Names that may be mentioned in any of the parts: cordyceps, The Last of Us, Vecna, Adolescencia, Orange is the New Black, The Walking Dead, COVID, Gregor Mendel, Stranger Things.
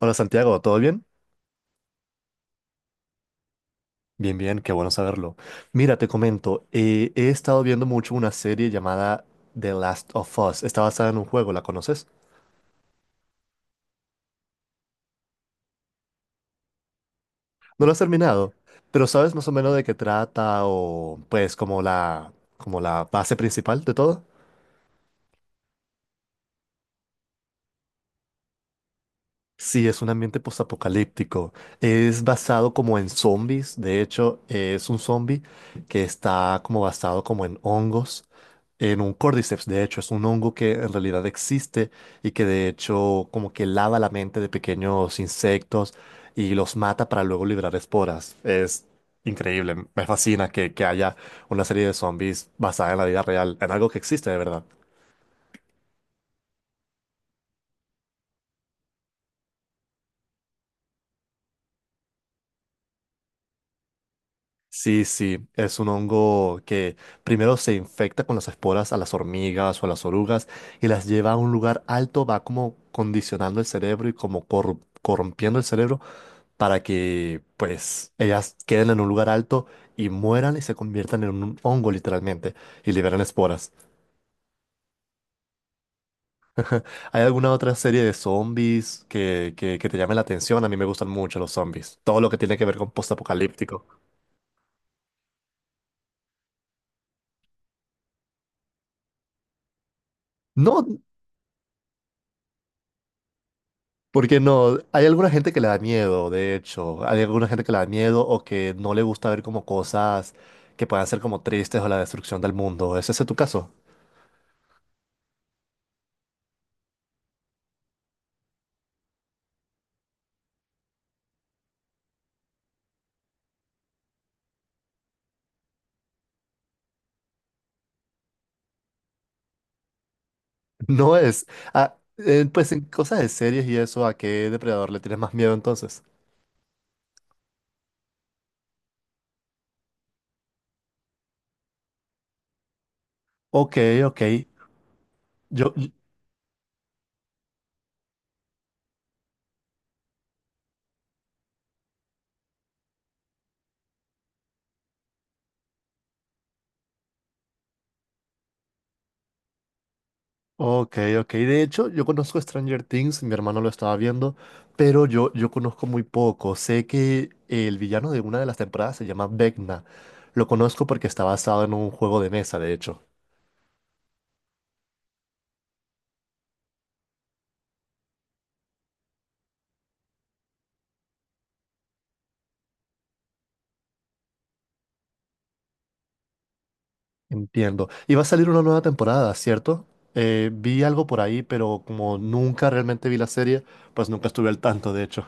Hola Santiago, ¿todo bien? Bien, bien, qué bueno saberlo. Mira, te comento, he estado viendo mucho una serie llamada The Last of Us. Está basada en un juego, ¿la conoces? No lo has terminado, pero ¿sabes más o menos de qué trata o pues como la base principal de todo? Sí, es un ambiente postapocalíptico. Es basado como en zombies. De hecho, es un zombie que está como basado como en hongos, en un cordyceps. De hecho, es un hongo que en realidad existe y que de hecho como que lava la mente de pequeños insectos y los mata para luego liberar esporas. Es increíble. Me fascina que haya una serie de zombies basada en la vida real, en algo que existe de verdad. Sí, sí, es un hongo que primero se infecta con las esporas a las hormigas o a las orugas y las lleva a un lugar alto, va como condicionando el cerebro y como corrompiendo el cerebro para que pues ellas queden en un lugar alto y mueran y se conviertan en un hongo literalmente y liberan esporas. ¿Hay alguna otra serie de zombies que te llame la atención? A mí me gustan mucho los zombies, todo lo que tiene que ver con postapocalíptico. No. Porque no, hay alguna gente que le da miedo, de hecho, hay alguna gente que le da miedo o que no le gusta ver como cosas que puedan ser como tristes o la destrucción del mundo. ¿Es ese tu caso? No es. Ah, pues en cosas de series y eso, ¿a qué depredador le tienes más miedo entonces? Ok, ok. Yo, ok, ok. De hecho, yo conozco Stranger Things, mi hermano lo estaba viendo, pero yo conozco muy poco. Sé que el villano de una de las temporadas se llama Vecna. Lo conozco porque está basado en un juego de mesa, de hecho. Entiendo. Y va a salir una nueva temporada, ¿cierto? Vi algo por ahí, pero como nunca realmente vi la serie, pues nunca estuve al tanto, de hecho.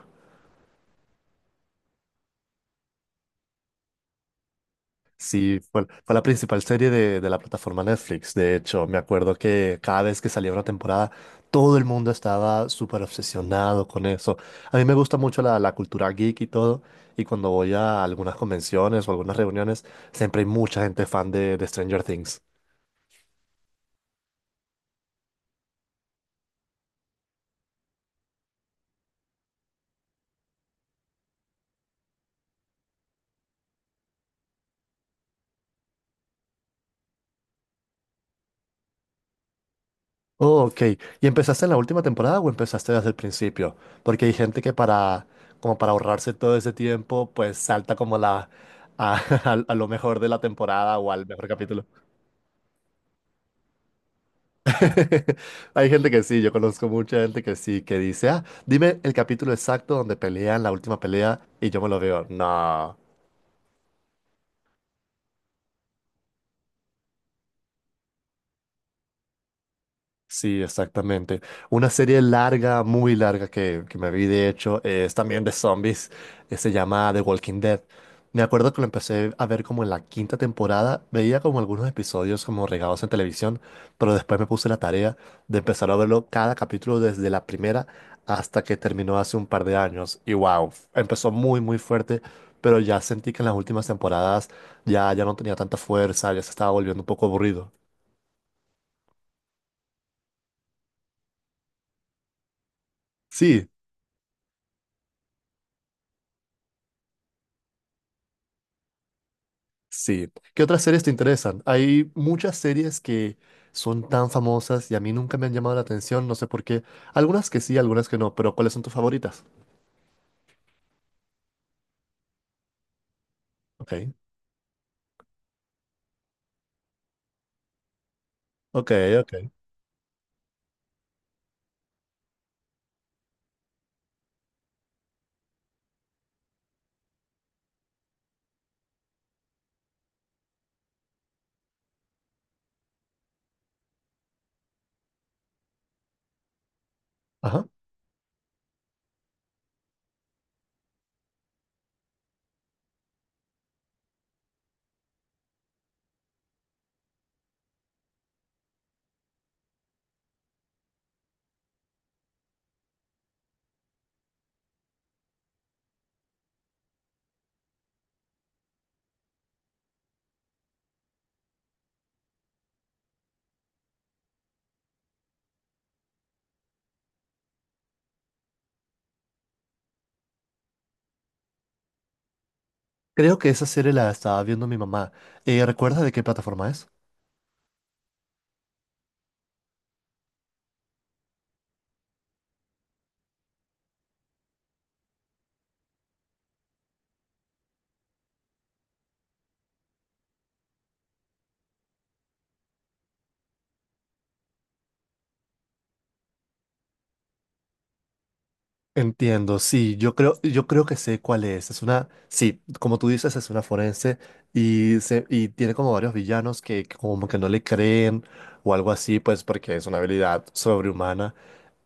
Sí, fue la principal serie de la plataforma Netflix. De hecho, me acuerdo que cada vez que salía una temporada, todo el mundo estaba súper obsesionado con eso. A mí me gusta mucho la cultura geek y todo. Y cuando voy a algunas convenciones o algunas reuniones, siempre hay mucha gente fan de Stranger Things. Oh, ok. ¿Y empezaste en la última temporada o empezaste desde el principio? Porque hay gente que para, como para ahorrarse todo ese tiempo, pues salta como a lo mejor de la temporada o al mejor capítulo. Hay gente que sí, yo conozco mucha gente que sí, que dice, ah, dime el capítulo exacto donde pelean la última pelea y yo me lo veo. No. Sí, exactamente. Una serie larga, muy larga que me vi de hecho, es también de zombies, se llama The Walking Dead. Me acuerdo que lo empecé a ver como en la quinta temporada, veía como algunos episodios como regados en televisión, pero después me puse la tarea de empezar a verlo cada capítulo desde la primera hasta que terminó hace un par de años. Y wow, empezó muy, muy fuerte, pero ya sentí que en las últimas temporadas ya no tenía tanta fuerza, ya se estaba volviendo un poco aburrido. Sí, sí. ¿Qué otras series te interesan? Hay muchas series que son tan famosas y a mí nunca me han llamado la atención, no sé por qué. Algunas que sí, algunas que no, pero ¿cuáles son tus favoritas? Ok, ok, ok. Ajá. Creo que esa serie la estaba viendo mi mamá. ¿Recuerdas de qué plataforma es? Entiendo, sí, yo creo que sé cuál es. Es una, sí, como tú dices, es una forense y, y tiene como varios villanos que como que no le creen o algo así, pues porque es una habilidad sobrehumana.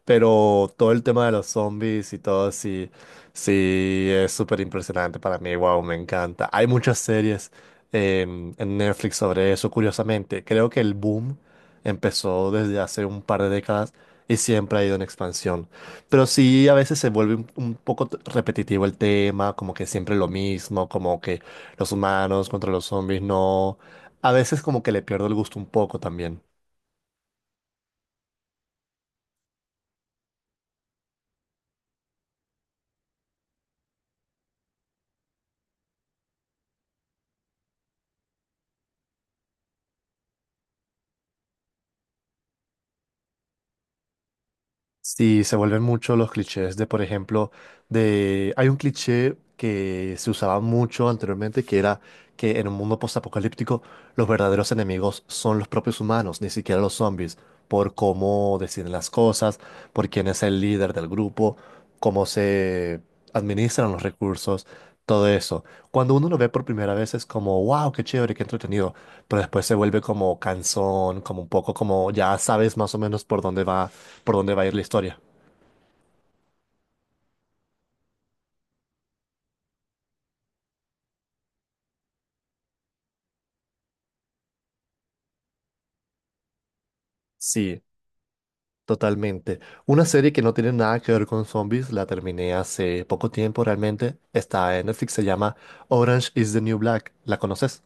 Pero todo el tema de los zombies y todo, sí, sí, es súper impresionante para mí. Wow, me encanta. Hay muchas series en Netflix sobre eso, curiosamente. Creo que el boom empezó desde hace un par de décadas y siempre ha ido en expansión. Pero sí, a veces se vuelve un poco repetitivo el tema, como que siempre lo mismo, como que los humanos contra los zombies, no. A veces como que le pierdo el gusto un poco también. Sí, se vuelven mucho los clichés de, por ejemplo, de... Hay un cliché que se usaba mucho anteriormente, que era que en un mundo postapocalíptico los verdaderos enemigos son los propios humanos, ni siquiera los zombies, por cómo deciden las cosas, por quién es el líder del grupo, cómo se administran los recursos, todo eso. Cuando uno lo ve por primera vez es como, wow, qué chévere, qué entretenido, pero después se vuelve como cansón, como un poco como ya sabes más o menos por dónde va a ir la historia. Sí, totalmente. Una serie que no tiene nada que ver con zombies, la terminé hace poco tiempo realmente. Está en Netflix, se llama Orange is the New Black. ¿La conoces?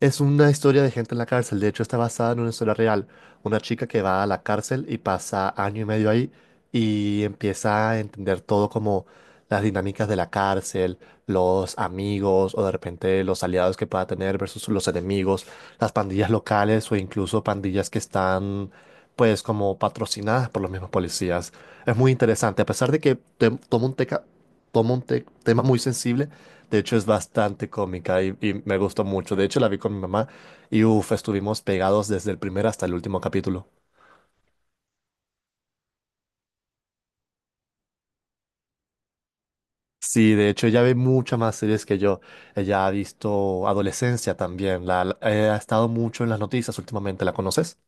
Es una historia de gente en la cárcel. De hecho, está basada en una historia real. Una chica que va a la cárcel y pasa año y medio ahí y empieza a entender todo como las dinámicas de la cárcel, los amigos o de repente los aliados que pueda tener versus los enemigos, las pandillas locales o incluso pandillas que están pues como patrocinadas por los mismos policías. Es muy interesante. A pesar de que te- toma un, teca- toma un te- tema muy sensible, de hecho, es bastante cómica y me gustó mucho. De hecho, la vi con mi mamá y uff, estuvimos pegados desde el primer hasta el último capítulo. Sí, de hecho, ella ve muchas más series que yo. Ella ha visto Adolescencia también. Ha estado mucho en las noticias últimamente. ¿La conoces?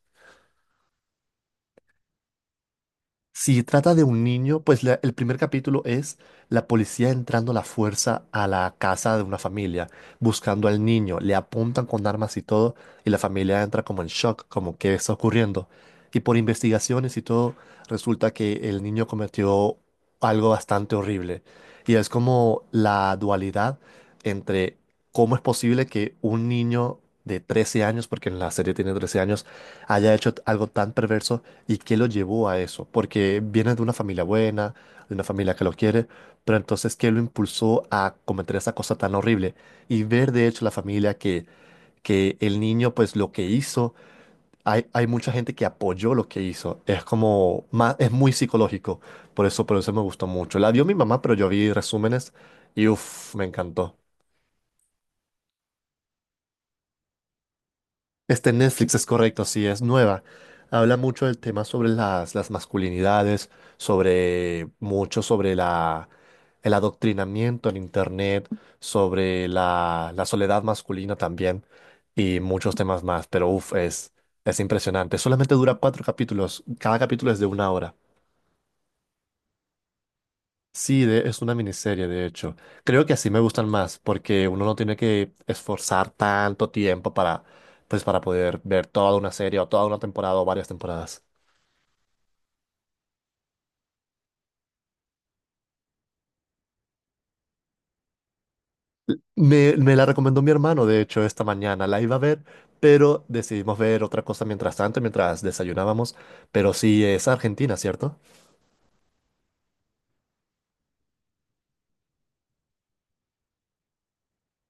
Si trata de un niño, pues el primer capítulo es la policía entrando a la fuerza a la casa de una familia, buscando al niño, le apuntan con armas y todo, y la familia entra como en shock, como qué está ocurriendo. Y por investigaciones y todo, resulta que el niño cometió algo bastante horrible. Y es como la dualidad entre cómo es posible que un niño de 13 años, porque en la serie tiene 13 años, haya hecho algo tan perverso. ¿Y qué lo llevó a eso? Porque viene de una familia buena, de una familia que lo quiere, pero entonces, ¿qué lo impulsó a cometer esa cosa tan horrible? Y ver de hecho la familia que el niño, pues lo que hizo, hay mucha gente que apoyó lo que hizo. Es como, es muy psicológico. Por eso me gustó mucho. La vio mi mamá, pero yo vi resúmenes y uff, me encantó. Este Netflix es correcto, sí, es nueva. Habla mucho del tema sobre las masculinidades, sobre mucho sobre el adoctrinamiento en Internet, sobre la soledad masculina también y muchos temas más. Pero uff, es impresionante. Solamente dura 4 capítulos. Cada capítulo es de una hora. Sí, es una miniserie, de hecho. Creo que así me gustan más, porque uno no tiene que esforzar tanto tiempo para, pues, para poder ver toda una serie o toda una temporada o varias temporadas. Me la recomendó mi hermano, de hecho, esta mañana la iba a ver, pero decidimos ver otra cosa mientras tanto, mientras desayunábamos. Pero sí, es Argentina, ¿cierto?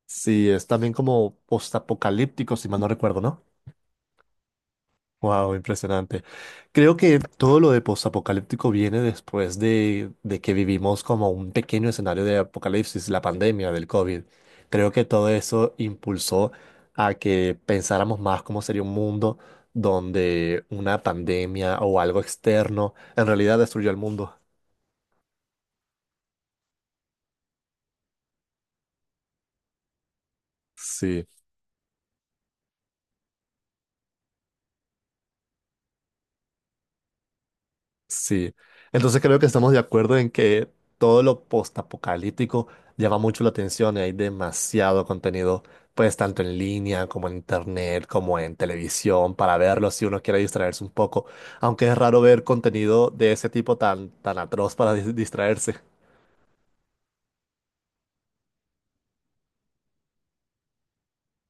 Sí, es también como postapocalíptico, si mal no recuerdo, ¿no? Wow, impresionante. Creo que todo lo de postapocalíptico viene después de que vivimos como un pequeño escenario de apocalipsis, la pandemia del COVID. Creo que todo eso impulsó a que pensáramos más cómo sería un mundo donde una pandemia o algo externo en realidad destruyó el mundo. Sí. Sí, entonces creo que estamos de acuerdo en que todo lo postapocalíptico llama mucho la atención y hay demasiado contenido, pues tanto en línea como en internet, como en televisión, para verlo si uno quiere distraerse un poco, aunque es raro ver contenido de ese tipo tan, tan atroz para distraerse.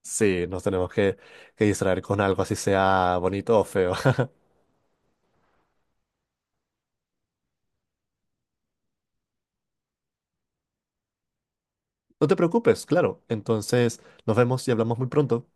Sí, nos tenemos que distraer con algo, así sea bonito o feo. No te preocupes, claro. Entonces nos vemos y hablamos muy pronto.